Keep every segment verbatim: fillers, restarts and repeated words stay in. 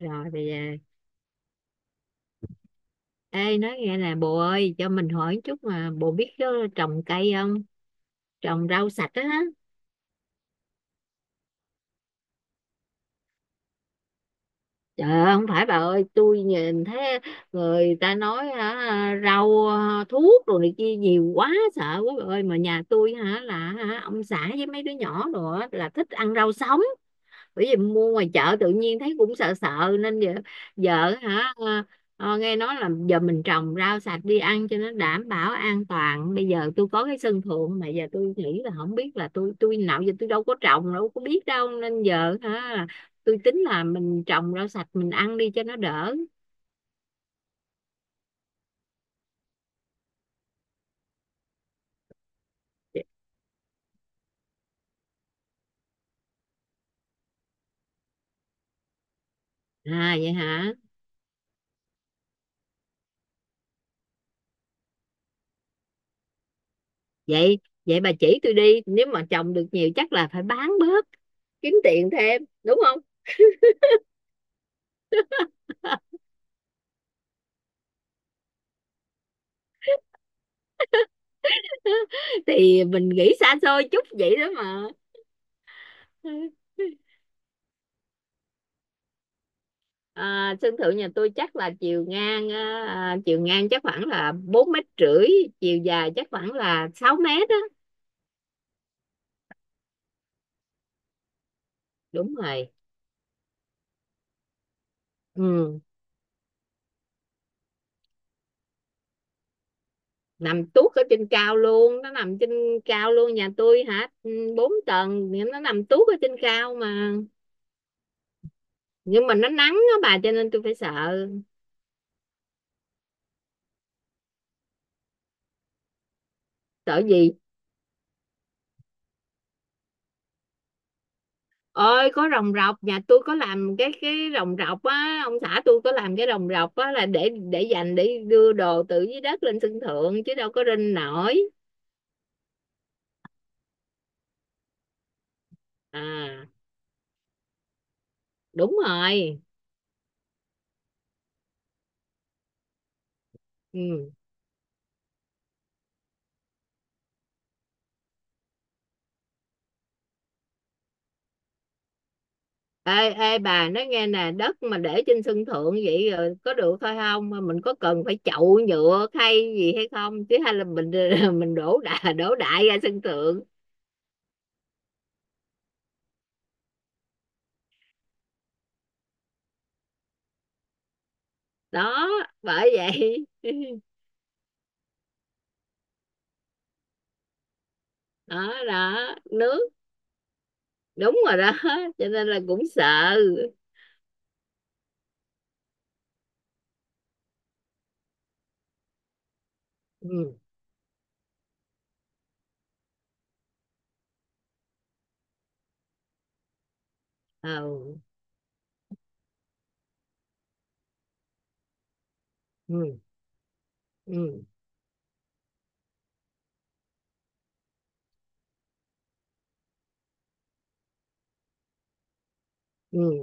Rồi bây giờ, ê nói nghe nè bồ ơi, cho mình hỏi chút mà, bồ biết đó, trồng cây không, trồng rau sạch á hả? Trời ơi không phải bà ơi, tôi nhìn thấy người ta nói hả, rau à, thuốc đồ này kia nhiều quá, sợ quá bà ơi. Mà nhà tôi hả là hả, ông xã với mấy đứa nhỏ đồ á, là thích ăn rau sống. Bởi vì mua ngoài chợ tự nhiên thấy cũng sợ sợ nên giờ. Vợ hả ờ, ờ, nghe nói là giờ mình trồng rau sạch đi ăn cho nó đảm bảo an toàn. Bây giờ tôi có cái sân thượng mà giờ tôi nghĩ là không biết là tôi tôi nào giờ tôi đâu có trồng đâu có biết đâu nên giờ hả. Tôi tính là mình trồng rau sạch mình ăn đi cho nó đỡ. À vậy hả? Vậy vậy bà chỉ tôi đi, nếu mà trồng được nhiều chắc là phải bán bớt, kiếm tiền thêm đúng không? Thì mình nghĩ xa xôi chút vậy đó mà. À, sân thượng nhà tôi chắc là chiều ngang à, chiều ngang chắc khoảng là bốn mét rưỡi, chiều dài chắc khoảng là sáu mét á. Đúng rồi. Ừ. Nằm tuốt ở trên cao luôn, nó nằm trên cao luôn. Nhà tôi hả ừ, bốn tầng thì nó nằm tuốt ở trên cao mà. Nhưng mà nó nắng á bà, cho nên tôi phải sợ. Sợ gì. Ơi có rồng rọc, nhà tôi có làm cái cái rồng rọc á, ông xã tôi có làm cái rồng rọc á, là để để dành để đưa đồ từ dưới đất lên sân thượng, chứ đâu có rinh nổi. À đúng rồi. Ừ. ê ê bà nói nghe nè, đất mà để trên sân thượng vậy rồi có được thôi không? Mà mình có cần phải chậu nhựa khay gì hay không, chứ hay là mình mình đổ đại đổ đại ra sân thượng. Đó, bởi vậy đó đó. Nước. Đúng rồi đó, cho nên là cũng sợ. Ừ. Ừ. Ừ. Ừ. Ừ.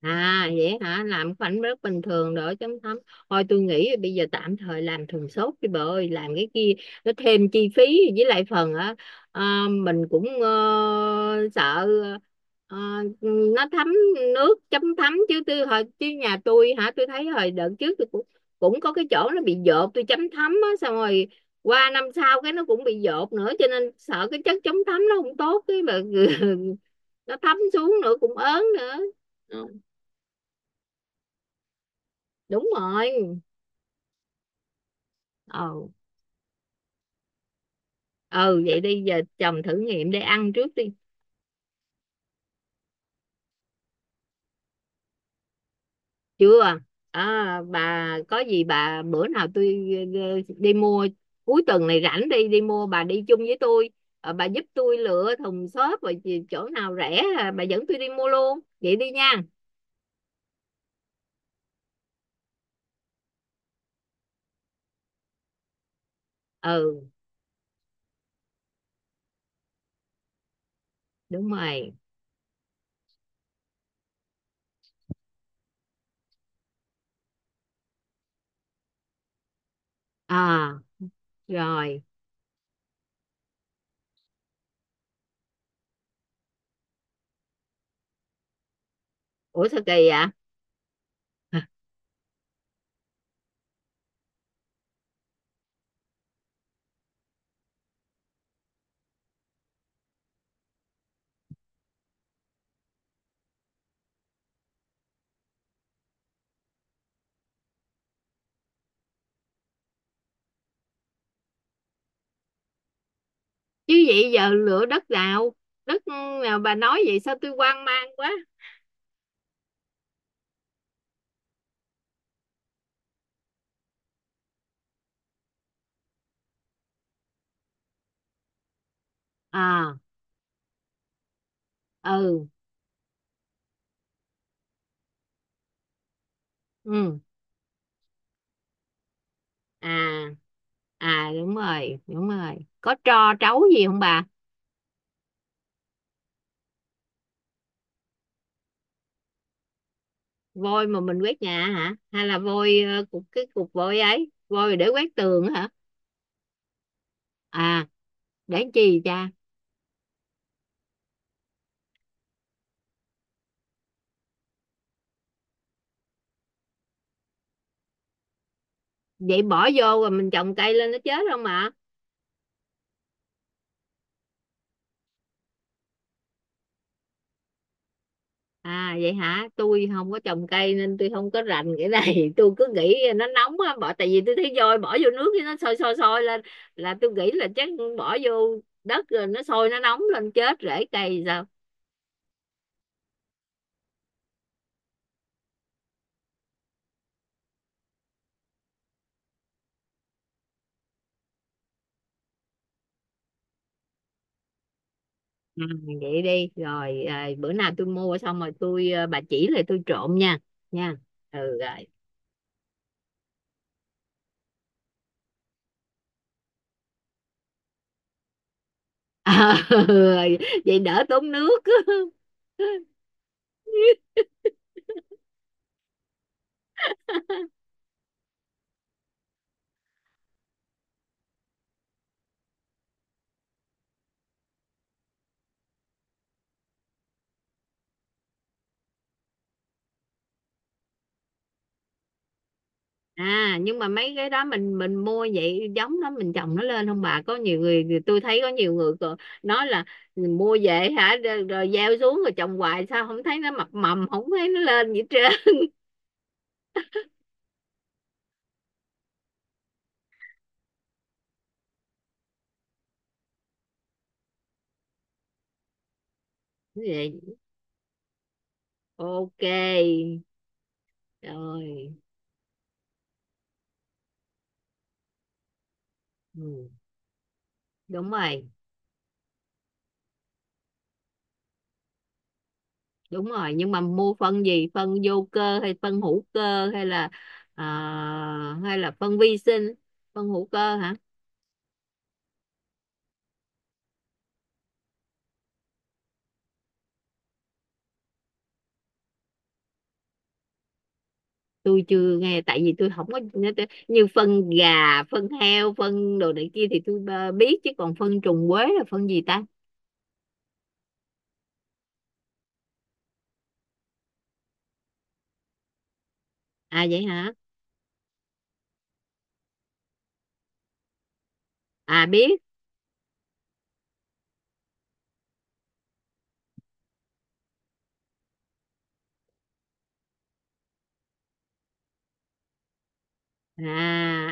À vậy hả? Làm khoảnh rất bình thường đỡ chấm thấm. Thôi tôi nghĩ bây giờ tạm thời làm thùng sốt đi bà ơi. Làm cái kia nó thêm chi phí, với lại phần á à, mình cũng ờ, sợ ờ, nó thấm nước chấm thấm. Chứ tôi hồi chứ nhà tôi hả tôi thấy hồi đợt trước tôi cũng cũng có cái chỗ nó bị dột, tôi chấm thấm á xong rồi qua năm sau cái nó cũng bị dột nữa, cho nên sợ cái chất chống thấm nó không tốt cái mà nó thấm xuống nữa cũng ớn nữa. Ờ đúng rồi. Ờ. Ừ vậy đi, giờ chồng thử nghiệm để ăn trước đi. Chưa. à, À, bà có gì bà, bữa nào tôi ờ, đi mua, cuối tuần này rảnh đi đi mua bà đi chung với tôi. Ờ, bà giúp tôi lựa thùng xốp và chị- chỗ nào rẻ à, bà dẫn tôi đi mua luôn vậy đi nha. Ừ đúng rồi. À rồi. Ủa sao kỳ vậy? Chứ vậy giờ lựa đất nào đất nào bà nói vậy sao tôi hoang mang quá. À. Ừ. Ừ. À. À, đúng rồi đúng rồi. Có tro trấu gì không bà? Vôi mà mình quét nhà hả, hay là vôi ờ, cục cái cục vôi ấy, vôi để quét tường hả? À. Để làm chi cha? Vậy bỏ vô rồi mình trồng cây lên nó chết không mà? À vậy hả, tôi không có trồng cây nên tôi không có rành cái này tôi cứ nghĩ nó nóng á bỏ, tại vì tôi thấy vôi bỏ vô nước cái nó sôi sôi sôi lên, là tôi nghĩ là chắc bỏ vô đất rồi nó sôi nó nóng lên chết rễ cây sao. Vậy đi rồi à, bữa nào tôi mua xong rồi tôi à, bà chỉ lại tôi trộn nha. Nha. Ừ rồi. Vậy đỡ tốn nước. À nhưng mà mấy cái đó mình mình mua vậy giống đó mình trồng nó lên không bà? Có nhiều người tôi thấy, có nhiều người còn nói là mua về hả rồi, rồi gieo xuống rồi trồng hoài sao không thấy nó mập mầm, không thấy nó lên vậy hết trơn. Vậy, ok rồi. Ừ, đúng rồi đúng rồi. Nhưng mà mua phân gì, phân vô cơ hay phân hữu cơ hay là à, hay là phân vi sinh? Phân hữu cơ hả, tôi chưa nghe, tại vì tôi không có, như phân gà phân heo phân đồ này kia thì tôi ờ, biết chứ, còn phân trùng quế là phân gì ta? À vậy hả. À, biết. À.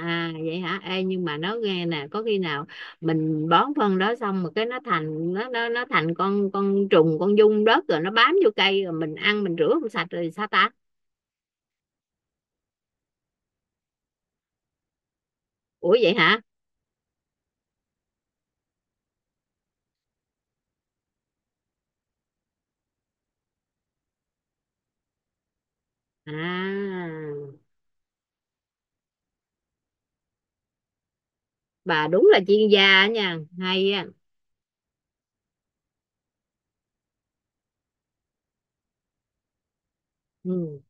À vậy hả. Ê, nhưng mà nó nghe nè, có khi nào mình bón phân đó xong mà cái nó thành nó nó nó thành con con trùng, con giun đất, rồi nó bám vô cây rồi mình ăn mình rửa không sạch rồi sao ta? Ủa vậy hả? À bà đúng là chuyên gia nha, hay á. Ừ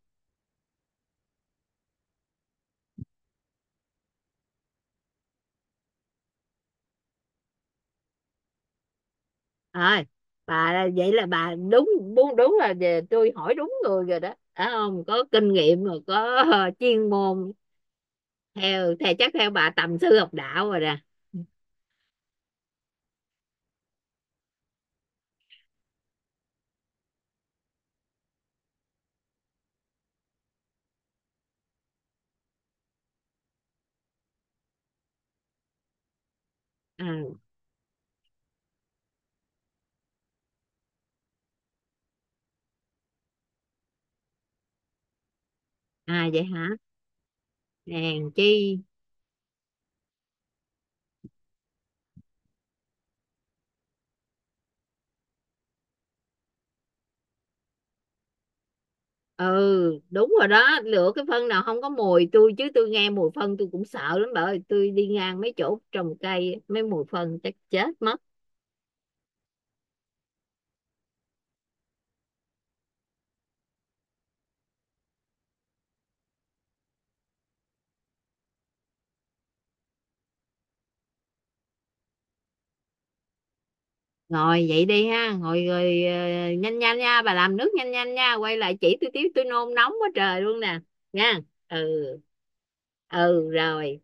rồi. Bà vậy là bà đúng đúng đúng, là về tôi hỏi đúng người rồi đó phải không, có kinh nghiệm rồi có chuyên môn. Theo theo chắc theo bà tầm sư học đạo rồi nè. à, À vậy hả, hèn chi. Ừ đúng rồi đó, lựa cái phân nào không có mùi. Tôi chứ tôi nghe mùi phân tôi cũng sợ lắm bà ơi, tôi đi ngang mấy chỗ trồng cây mấy mùi phân chắc chết mất. Rồi vậy đi ha, ngồi rồi ờ, nhanh nhanh nha, bà làm nước nhanh nhanh nha, quay lại chỉ tôi tiếp tôi nôn nóng quá trời luôn nè. Nha. Ừ. Ừ rồi.